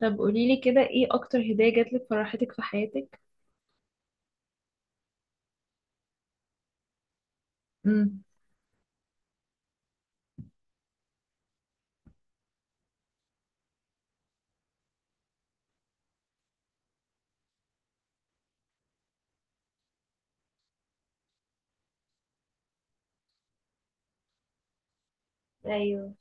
طب قوليلي كده، ايه اكتر هدية جاتلك فرحتك في حياتك؟ امم. ايوه.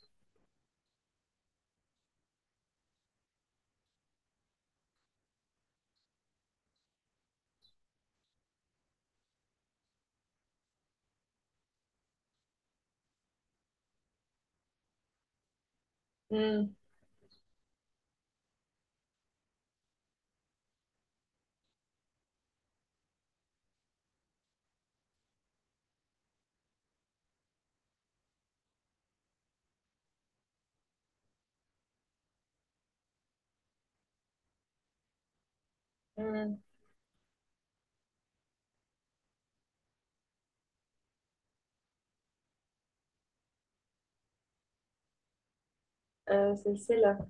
امم. امم. آه، سلسله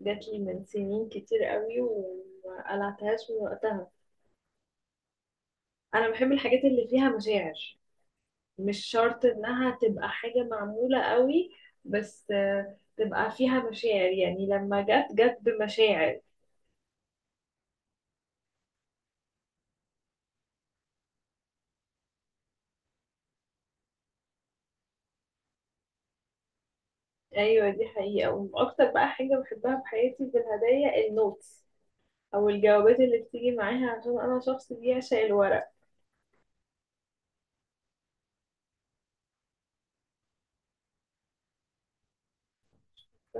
جات لي من سنين كتير قوي وما قلعتهاش من وقتها. انا بحب الحاجات اللي فيها مشاعر. مش شرط انها تبقى حاجه معموله قوي، بس تبقى فيها مشاعر، يعني لما جت جت بمشاعر. ايوه دي حقيقه، واكتر بقى حاجه بحبها في حياتي في الهدايا النوتس او الجوابات اللي بتيجي معاها، عشان انا شخص بيعشق الورق.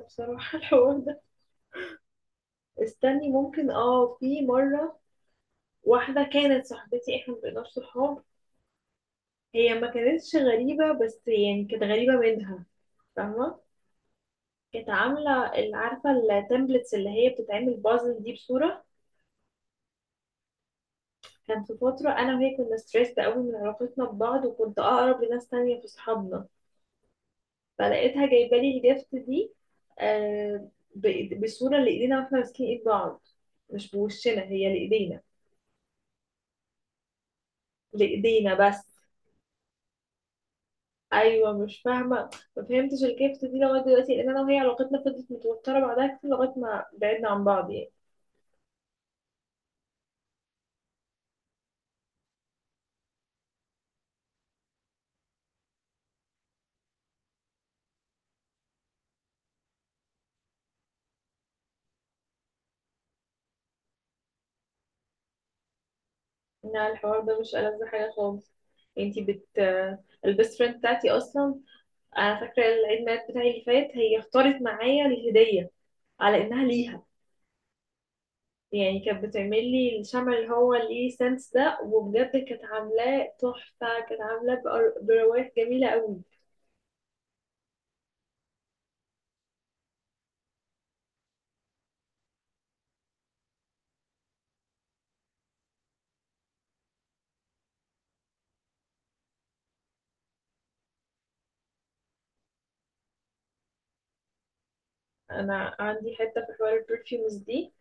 بصراحة الحوار ده، استني، ممكن في مرة، واحدة كانت صاحبتي، احنا مبقيناش صحاب. هي ما كانتش غريبة بس يعني كانت غريبة منها، فاهمة. كانت عاملة عارفة التمبلتس اللي هي بتتعمل بازل دي بصورة. كان في فترة أنا وهي كنا ستريسد قوي من علاقتنا ببعض، وكنت أقرب لناس تانية في صحابنا. فلقيتها جايبة لي الجفت دي، آه بصورة لإيدينا واحنا ماسكين إيد بعض، مش بوشنا، هي لإيدينا، لإيدينا بس. ايوه مش فاهمه، ما فهمتش الجيفت دي لغايه دلوقتي، لان انا وهي علاقتنا فضلت متوتره بعدها كتير لغايه ما بعدنا عن بعض يعني. لا الحوار ده مش ألذ حاجه خالص. انتي بت البيست فريند بتاعتي اصلا، انا فاكره العيد ميلاد بتاعي اللي فات هي اختارت معايا الهديه على انها ليها. يعني كانت بتعمل لي الشمع اللي هو ليه سنس ده، وبجد كانت عاملاه تحفه، كانت عاملاه بروايح جميله قوي. انا عندي حته في حوار البرفيومز دي،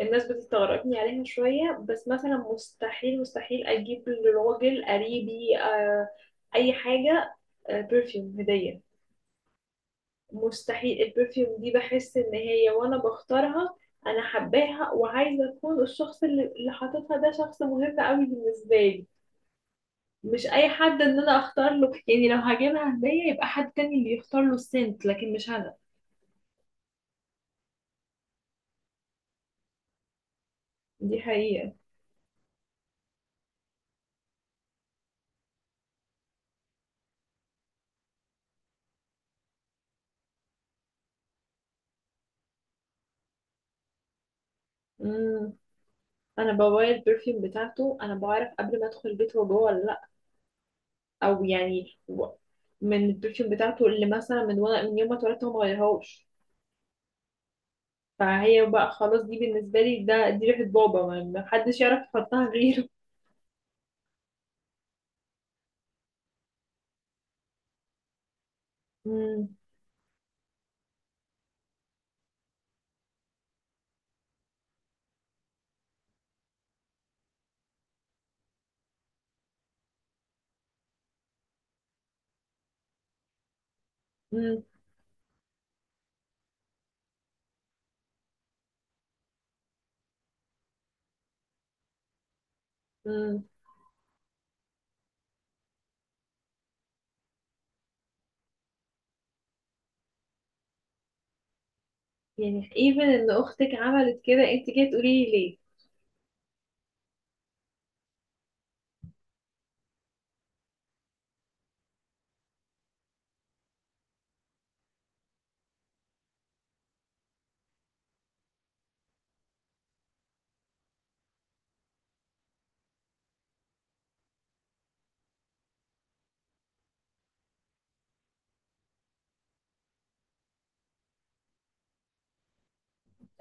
الناس بتستغربني عليها شوية، بس مثلا مستحيل مستحيل أجيب لراجل قريبي أي حاجة، برفيوم هدية. مستحيل البرفيوم دي بحس إن هي وأنا بختارها، أنا حباها وعايزة أكون الشخص اللي حاططها، ده شخص مهم أوي بالنسبة لي. مش أي حد إن أنا أختار له، يعني لو هجيبها هدية يبقى حد تاني اللي يختار له السنت لكن مش أنا. دي حقيقة. مم. أنا بغير البرفيوم بتاعته أنا بعرف قبل ما أدخل البيت هو جوه ولا لأ. او يعني من البرفيوم بتاعته اللي مثلا من وانا من يوم ما اتولدت هو ما غيرهاش. فهي بقى خلاص، دي بالنسبه لي دي ريحه بابا، ما حدش يعرف يحطها غيره. امم. امم. امم. يعني ايفن ان اختك عملت كده انت كده تقولي لي ليه؟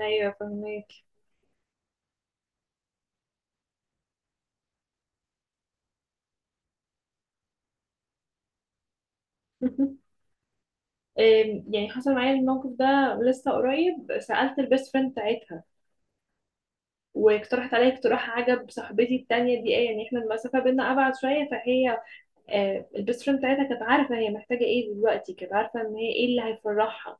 ايوه فهمك. يعني حصل معايا الموقف ده لسه قريب، سألت البيست فريند بتاعتها واقترحت عليا اقتراح عجب صاحبتي التانية دي، ايه يعني احنا المسافة بينا أبعد شوية، فهي البيست فريند بتاعتها كانت عارفه هي محتاجه ايه دلوقتي، كانت عارفه ان هي ايه اللي هيفرحها.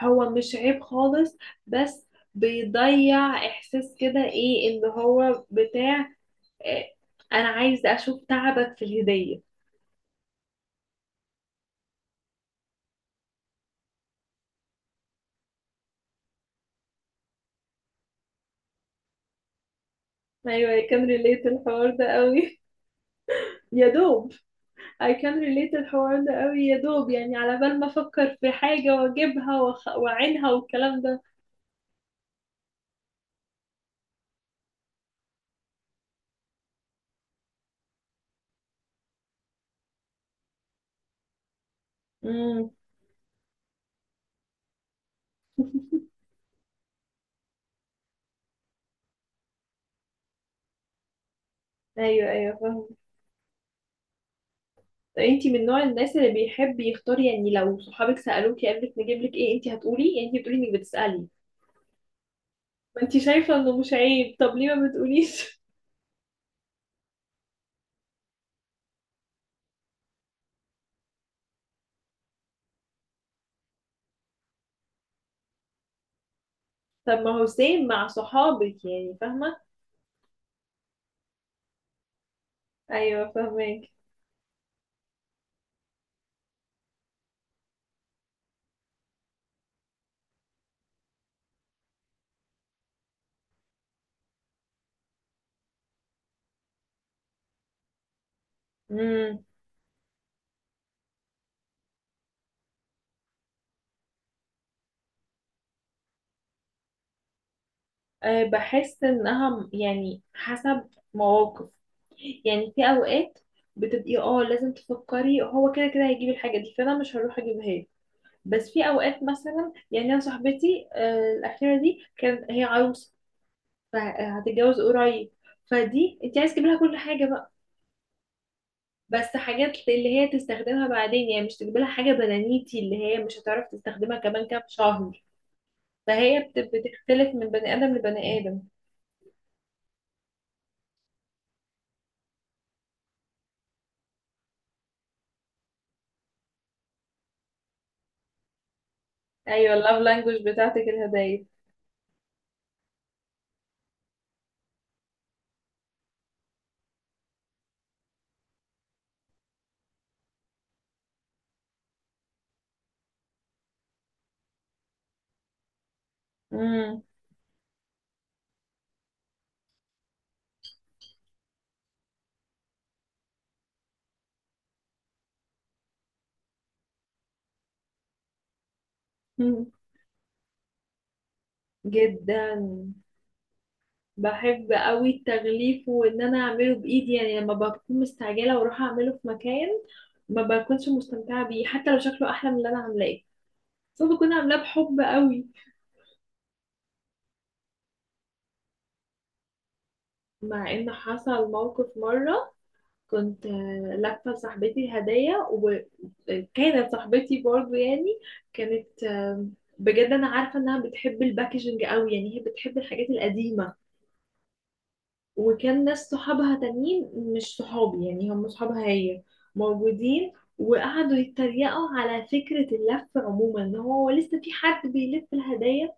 هو مش عيب خالص، بس بيضيع احساس كده، ايه اللي هو بتاع، آه، انا عايز اشوف تعبك في الهديه. ايوه I can relate الحوار ده قوي. يا دوب I can relate الحوار ده قوي يا دوب، يعني على بال ما افكر في حاجه واجيبها واعينها والكلام ده. امم. ايوه ايوه فاهمة. انتي من نوع الناس اللي بيحب يختار، يعني لو صحابك سألوكي قبلك نجيب لك ايه انتي هتقولي؟ يعني انتي بتقولي انك بتسألي؟ ما انتي شايفة انه مش عيب، طب ليه ما بتقوليش؟ طب ما هو سيم مع صحابك، يعني فاهمة. ايوه فاهمك. امم. أه بحس انها يعني حسب مواقف، يعني في اوقات بتبقي لازم تفكري هو كده كده هيجيب الحاجة دي فانا مش هروح اجيبها له. بس في اوقات مثلا، يعني انا صاحبتي الاخيره دي كانت هي عروسه، فهتتجوز قريب، فدي انت عايز تجيب لها كل حاجه بقى، بس حاجات اللي هي تستخدمها بعدين، يعني مش تجيب لها حاجه بنانيتي اللي هي مش هتعرف تستخدمها كمان كام شهر. فهي بتختلف من بني ادم لبني ادم. ايوه اللاف لانجوج بتاعتك الهدايا. امم. جدا. بحب قوي التغليف، وان انا اعمله بايدي، يعني لما بكون مستعجله واروح اعمله في مكان ما بكونش مستمتعه بيه حتى لو شكله احلى من اللي انا عاملاه، بس أنا بكون عاملاه بحب قوي. مع ان حصل موقف مرة، كنت لافة لصاحبتي هدية، وكانت صاحبتي برضو يعني كانت بجد انا عارفة انها بتحب الباكجينج قوي، يعني هي بتحب الحاجات القديمة. وكان ناس صحابها تانيين، مش صحابي، يعني هم صحابها هي، موجودين. وقعدوا يتريقوا على فكرة اللف عموما، ان هو لسه في حد بيلف الهدايا.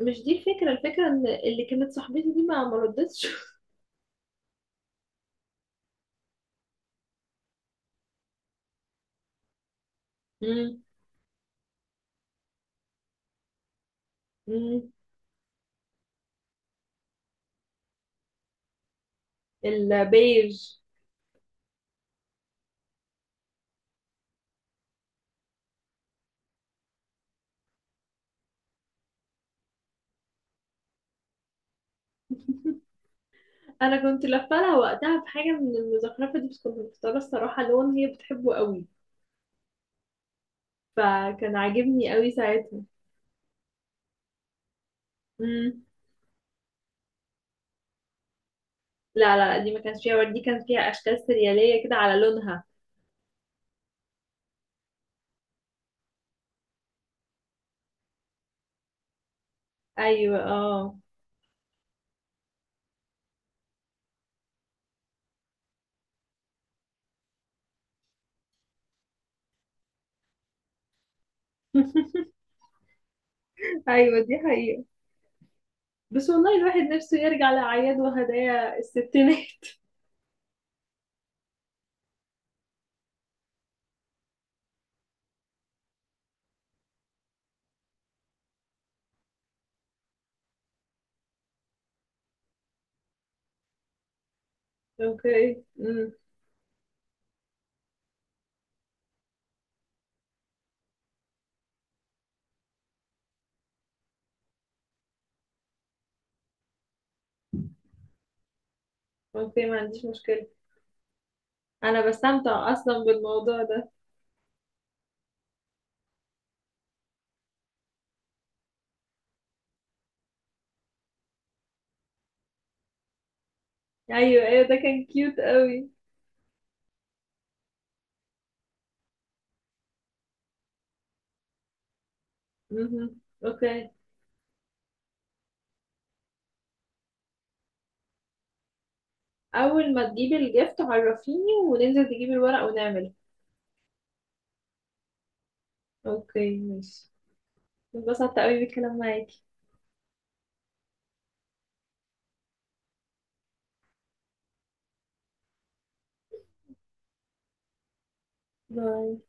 مش دي الفكرة، الفكرة ان اللي كانت صاحبتي دي ما ردتش. مم. البيج. انا كنت لفه لها وقتها بحاجه من المزخرفه دي، بس كنت مختاره الصراحه لون هي بتحبه قوي، فكان عاجبني قوي ساعتها. امم. لا لا لا، دي ما كانش فيها ورد، دي كان فيها اشكال سرياليه كده على لونها. ايوه اه. ايوه دي حقيقه، بس والله الواحد نفسه يرجع لاعياد وهدايا الستينات. اوكي امم. اوكي ما عنديش مشكله، انا بستمتع اصلا بالموضوع ده. ايوه ايوه ده كان كيوت قوي. امم اوكي. اول ما تجيبي الجيفت عرفيني، وننزل تجيبي الورق ونعمله. اوكي ماشي. انبسطت قوي بالكلام معاكي. باي.